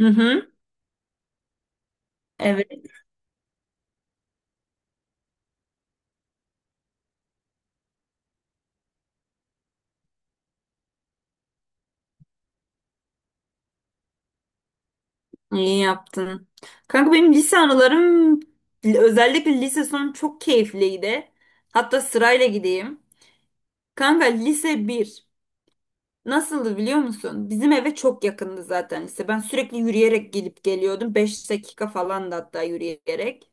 Hı hı. Evet, iyi yaptın. Kanka benim lise anılarım özellikle lise sonu çok keyifliydi. Hatta sırayla gideyim. Kanka lise bir nasıldı biliyor musun? Bizim eve çok yakındı zaten lise. Ben sürekli yürüyerek gelip geliyordum. Beş dakika falan da hatta yürüyerek.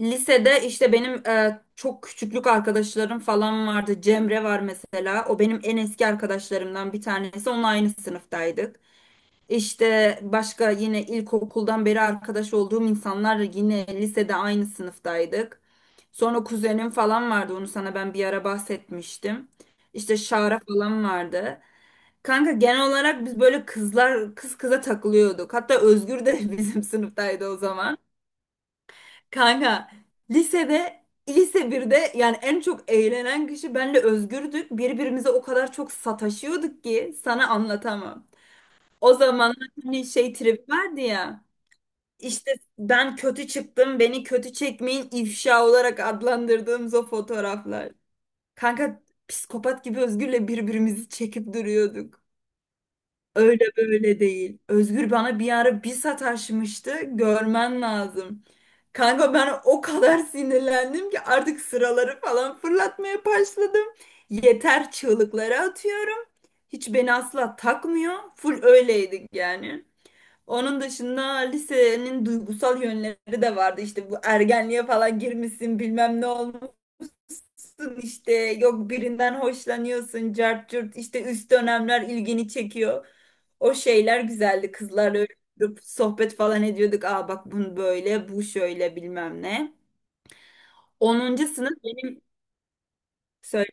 Lisede işte benim çok küçüklük arkadaşlarım falan vardı. Cemre var mesela. O benim en eski arkadaşlarımdan bir tanesi. Onunla aynı sınıftaydık. İşte başka yine ilkokuldan beri arkadaş olduğum insanlar yine lisede aynı sınıftaydık. Sonra kuzenim falan vardı onu sana ben bir ara bahsetmiştim. İşte Şara falan vardı. Kanka genel olarak biz böyle kızlar kız kıza takılıyorduk. Hatta Özgür de bizim sınıftaydı o zaman. Kanka lisede lise birde yani en çok eğlenen kişi benle Özgür'dük. Birbirimize o kadar çok sataşıyorduk ki sana anlatamam. O zaman hani şey trip vardı ya. İşte ben kötü çıktım, beni kötü çekmeyin ifşa olarak adlandırdığımız o fotoğraflar. Kanka psikopat gibi Özgür'le birbirimizi çekip duruyorduk. Öyle böyle değil. Özgür bana bir ara bir sataşmıştı. Görmen lazım. Kanka ben o kadar sinirlendim ki artık sıraları falan fırlatmaya başladım. Yeter çığlıkları atıyorum. Hiç beni asla takmıyor. Full öyleydik yani. Onun dışında lisenin duygusal yönleri de vardı. İşte bu ergenliğe falan girmişsin, bilmem ne olmuşsun işte yok birinden hoşlanıyorsun, cart curt işte üst dönemler ilgini çekiyor. O şeyler güzeldi. Kızlarla öyle oturup sohbet falan ediyorduk. Aa bak bunu böyle, bu şöyle bilmem ne. Onuncu sınıf. Söyle.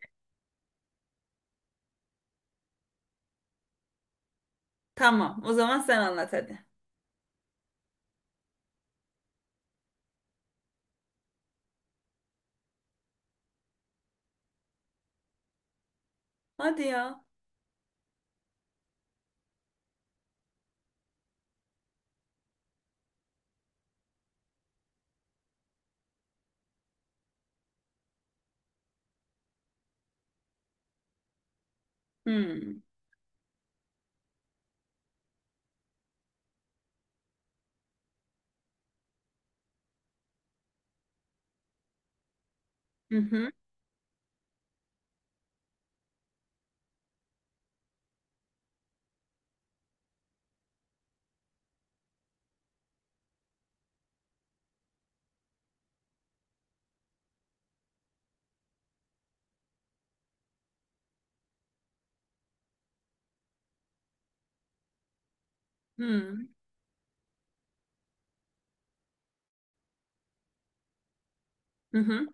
Tamam. O zaman sen anlat hadi. Hadi ya. Hmm. Hı hı. Hmm. Hı hı.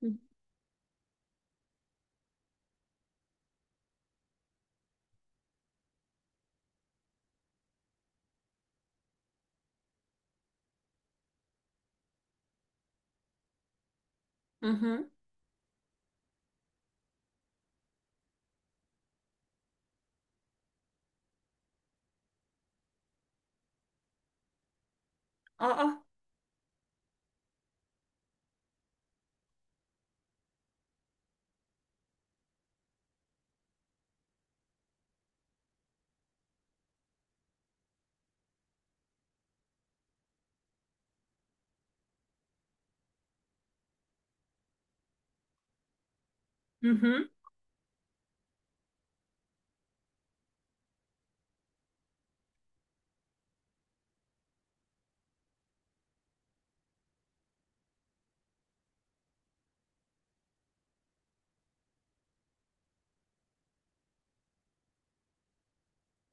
Hı hı. Hı hı. Aa. Hı hı.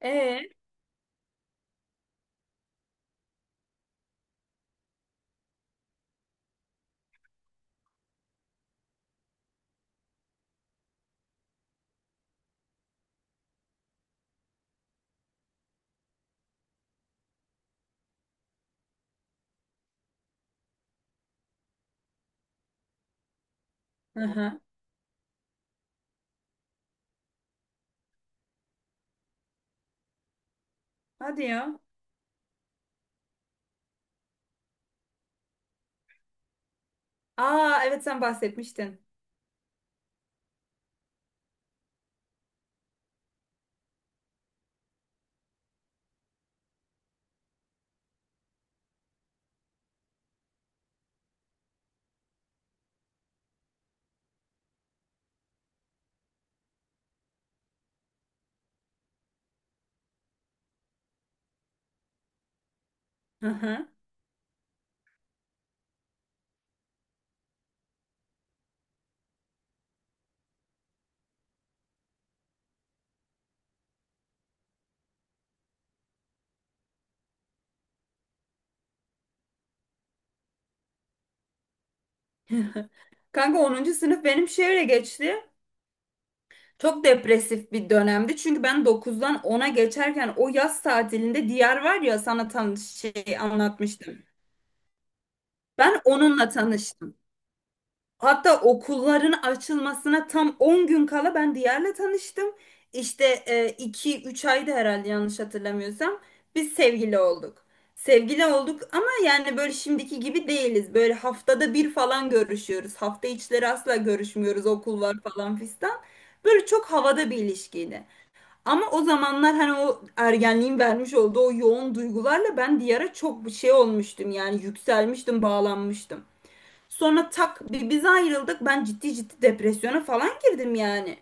E. Hı. Ee? Hı. Hadi ya. Aa evet sen bahsetmiştin. Hı hı. Kanka 10. sınıf benim şöyle geçti. Çok depresif bir dönemdi. Çünkü ben dokuzdan ona geçerken o yaz tatilinde Diyar var ya sana tanış şey anlatmıştım. Ben onunla tanıştım. Hatta okulların açılmasına tam 10 gün kala ben Diyar'la tanıştım. İşte 2-3 ayda herhalde yanlış hatırlamıyorsam biz sevgili olduk. Sevgili olduk ama yani böyle şimdiki gibi değiliz. Böyle haftada bir falan görüşüyoruz. Hafta içleri asla görüşmüyoruz. Okul var falan fistan. Böyle çok havada bir ilişkiydi. Ama o zamanlar hani o ergenliğin vermiş olduğu o yoğun duygularla ben Diyar'a çok bir şey olmuştum. Yani yükselmiştim, bağlanmıştım. Sonra tak biz ayrıldık. Ben ciddi ciddi depresyona falan girdim yani.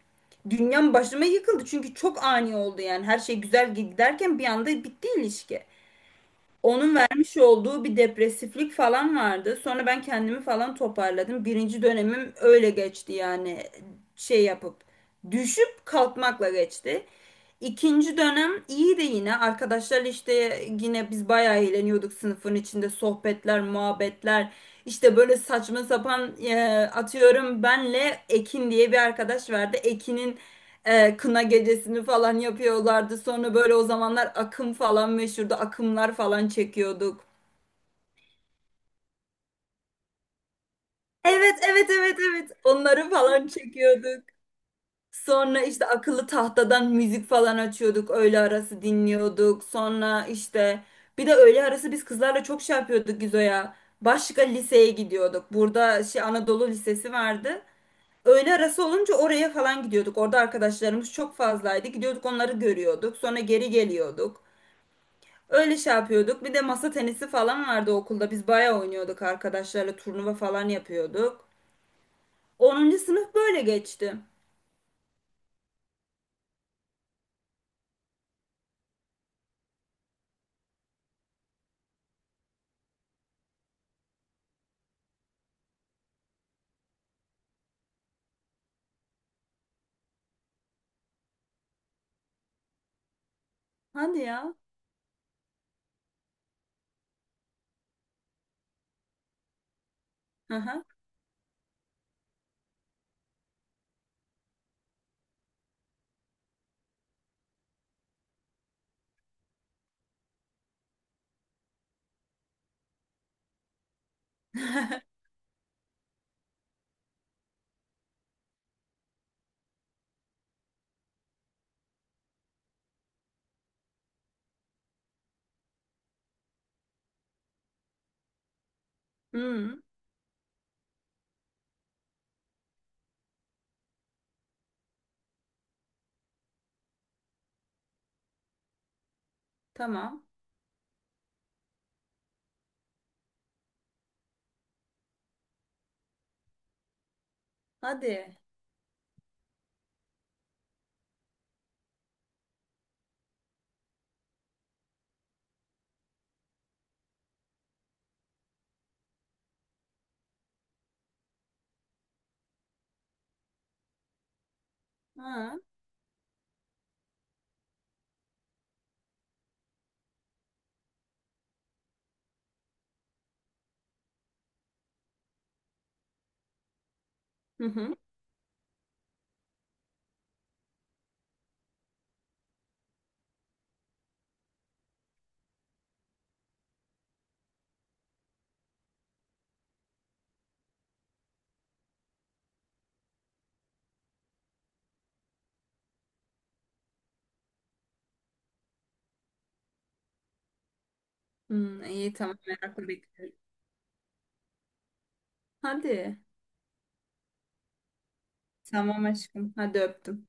Dünyam başıma yıkıldı çünkü çok ani oldu yani. Her şey güzel giderken bir anda bitti ilişki. Onun vermiş olduğu bir depresiflik falan vardı. Sonra ben kendimi falan toparladım. Birinci dönemim öyle geçti yani şey yapıp düşüp kalkmakla geçti. İkinci dönem iyi de yine arkadaşlar işte yine biz bayağı eğleniyorduk sınıfın içinde sohbetler, muhabbetler. İşte böyle saçma sapan atıyorum benle Ekin diye bir arkadaş vardı. Ekin'in kına gecesini falan yapıyorlardı. Sonra böyle o zamanlar akım falan meşhurdu. Akımlar falan çekiyorduk. Evet, evet, evet, evet. Onları falan çekiyorduk. Sonra işte akıllı tahtadan müzik falan açıyorduk. Öğle arası dinliyorduk. Sonra işte bir de öğle arası biz kızlarla çok şey yapıyorduk Gizo'ya. Başka liseye gidiyorduk. Burada şey Anadolu Lisesi vardı. Öğle arası olunca oraya falan gidiyorduk. Orada arkadaşlarımız çok fazlaydı. Gidiyorduk onları görüyorduk. Sonra geri geliyorduk. Öyle şey yapıyorduk. Bir de masa tenisi falan vardı okulda. Biz bayağı oynuyorduk arkadaşlarla turnuva falan yapıyorduk. Onuncu sınıf böyle geçti. Hadi ya. Hı hı. Hmm, tamam. Hadi. Ha. Hı hı. Hmm, iyi tamam merakla bekliyorum. Hadi. Tamam aşkım. Hadi öptüm.